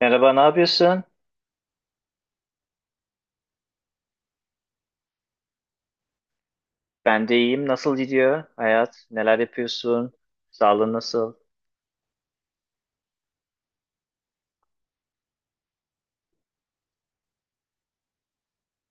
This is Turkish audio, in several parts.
Merhaba, ne yapıyorsun? Ben de iyiyim. Nasıl gidiyor hayat? Neler yapıyorsun? Sağlığın nasıl?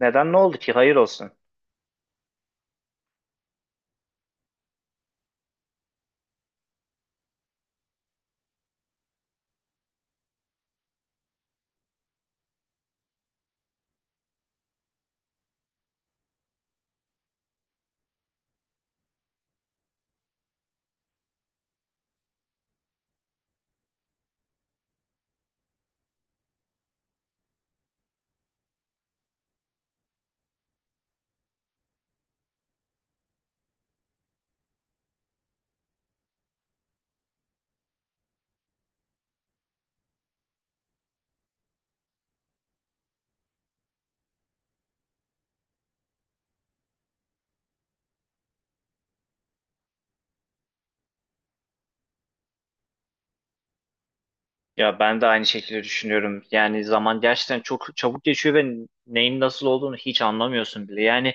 Neden ne oldu ki? Hayır olsun. Ya ben de aynı şekilde düşünüyorum. Yani zaman gerçekten çok çabuk geçiyor ve neyin nasıl olduğunu hiç anlamıyorsun bile. Yani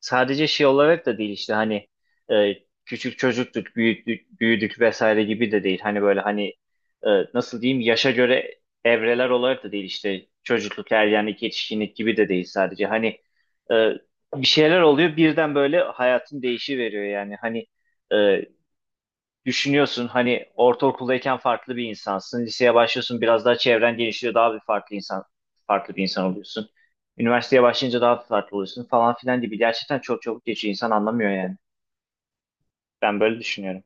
sadece şey olarak da değil işte hani e, küçük çocuktuk, büyüdük, büyüdük vesaire gibi de değil. Hani böyle hani nasıl diyeyim yaşa göre evreler olarak da değil işte çocukluk, ergenlik, yetişkinlik gibi de değil sadece. Hani e, bir şeyler oluyor birden böyle hayatın değişiveriyor yani hani e, düşünüyorsun hani ortaokuldayken farklı bir insansın. Liseye başlıyorsun biraz daha çevren genişliyor daha bir farklı insan farklı bir insan oluyorsun. Üniversiteye başlayınca daha farklı oluyorsun falan filan gibi. Gerçekten çok çabuk geçiyor insan anlamıyor yani. Ben böyle düşünüyorum.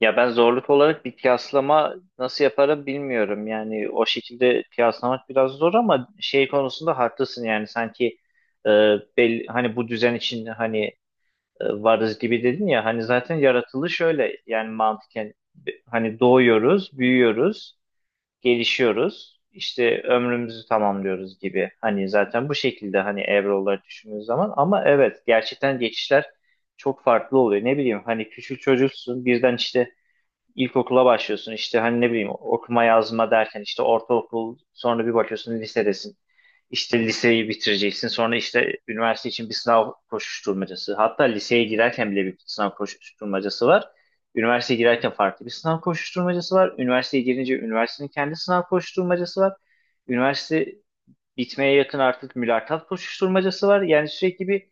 Ya ben zorluk olarak bir kıyaslama nasıl yaparım bilmiyorum. Yani o şekilde kıyaslamak biraz zor ama şey konusunda haklısın yani sanki e, belli, hani bu düzen için hani varız gibi dedin ya hani zaten yaratılı şöyle yani mantıken hani doğuyoruz, büyüyoruz, gelişiyoruz, işte ömrümüzü tamamlıyoruz gibi. Hani zaten bu şekilde hani evre olarak düşündüğün zaman ama evet gerçekten geçişler çok farklı oluyor. Ne bileyim hani küçük çocuksun birden işte ilkokula başlıyorsun işte hani ne bileyim okuma yazma derken işte ortaokul sonra bir bakıyorsun lisedesin. İşte liseyi bitireceksin sonra işte üniversite için bir sınav koşuşturmacası. Hatta liseye girerken bile bir sınav koşuşturmacası var. Üniversiteye girerken farklı bir sınav koşuşturmacası var. Üniversiteye girince üniversitenin kendi sınav koşuşturmacası var. Üniversite bitmeye yakın artık mülakat koşuşturmacası var. Yani sürekli bir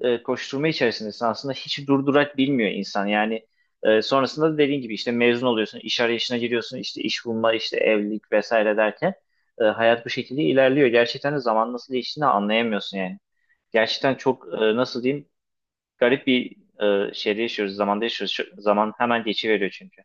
koşturma içerisindesin. Aslında hiç durdurak bilmiyor insan. Yani sonrasında da dediğin gibi işte mezun oluyorsun, iş arayışına giriyorsun, işte iş bulma, işte evlilik vesaire derken hayat bu şekilde ilerliyor. Gerçekten de zaman nasıl geçtiğini anlayamıyorsun yani. Gerçekten çok nasıl diyeyim garip bir şeyde yaşıyoruz, zamanda yaşıyoruz. Zaman hemen geçiveriyor çünkü.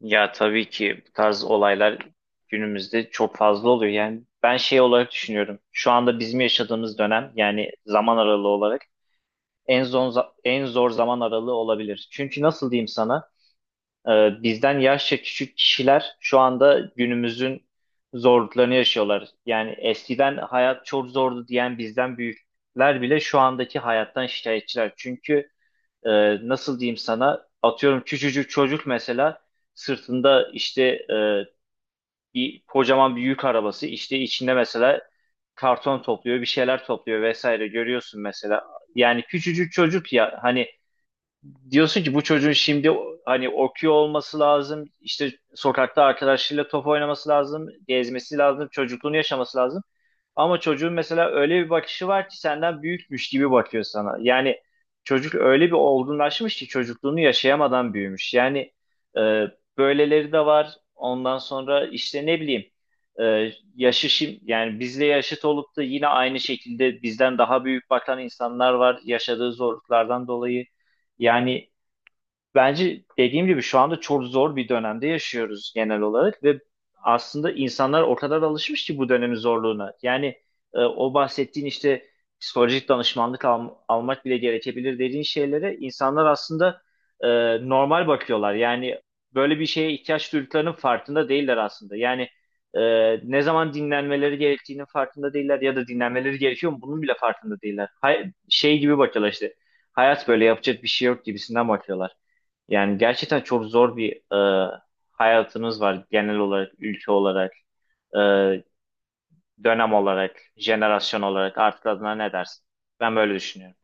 Ya tabii ki bu tarz olaylar günümüzde çok fazla oluyor. Yani ben şey olarak düşünüyorum. Şu anda bizim yaşadığımız dönem yani zaman aralığı olarak en zor en zor zaman aralığı olabilir. Çünkü nasıl diyeyim sana? Bizden yaşça küçük kişiler şu anda günümüzün zorluklarını yaşıyorlar. Yani eskiden hayat çok zordu diyen bizden büyükler bile şu andaki hayattan şikayetçiler. Çünkü e, nasıl diyeyim sana atıyorum küçücük çocuk mesela sırtında işte bir kocaman bir yük arabası işte içinde mesela karton topluyor bir şeyler topluyor vesaire görüyorsun mesela yani küçücük çocuk ya hani diyorsun ki bu çocuğun şimdi hani okuyor olması lazım, işte sokakta arkadaşlarıyla top oynaması lazım, gezmesi lazım, çocukluğunu yaşaması lazım. Ama çocuğun mesela öyle bir bakışı var ki senden büyükmüş gibi bakıyor sana. Yani çocuk öyle bir olgunlaşmış ki çocukluğunu yaşayamadan büyümüş. Yani e, böyleleri de var. Ondan sonra işte ne bileyim yani bizle yaşıt olup da yine aynı şekilde bizden daha büyük bakan insanlar var yaşadığı zorluklardan dolayı. Yani bence dediğim gibi şu anda çok zor bir dönemde yaşıyoruz genel olarak ve aslında insanlar o kadar alışmış ki bu dönemin zorluğuna. Yani o bahsettiğin işte psikolojik danışmanlık almak bile gerekebilir dediğin şeylere insanlar aslında e, normal bakıyorlar. Yani böyle bir şeye ihtiyaç duyduklarının farkında değiller aslında. Yani e, ne zaman dinlenmeleri gerektiğinin farkında değiller ya da dinlenmeleri gerekiyor mu bunun bile farkında değiller. Şey gibi bakıyorlar işte hayat böyle yapacak bir şey yok gibisinden bakıyorlar. Yani gerçekten çok zor bir e, hayatınız var genel olarak, ülke olarak, e, dönem olarak, jenerasyon olarak artık adına ne dersin? Ben böyle düşünüyorum.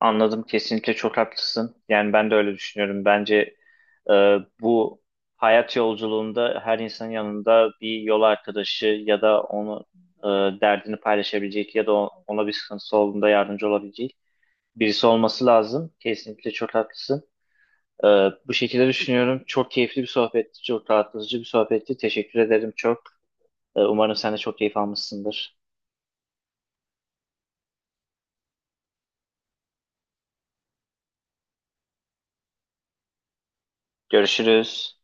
Anladım, kesinlikle çok haklısın. Yani ben de öyle düşünüyorum. Bence e, bu hayat yolculuğunda her insanın yanında bir yol arkadaşı ya da onu derdini paylaşabilecek ya da ona bir sıkıntısı olduğunda yardımcı olabilecek birisi olması lazım. Kesinlikle çok haklısın. Ee, Bu şekilde düşünüyorum. Çok keyifli bir sohbetti, çok rahatlatıcı bir sohbetti. Teşekkür ederim çok. Umarım sen de çok keyif almışsındır. Görüşürüz.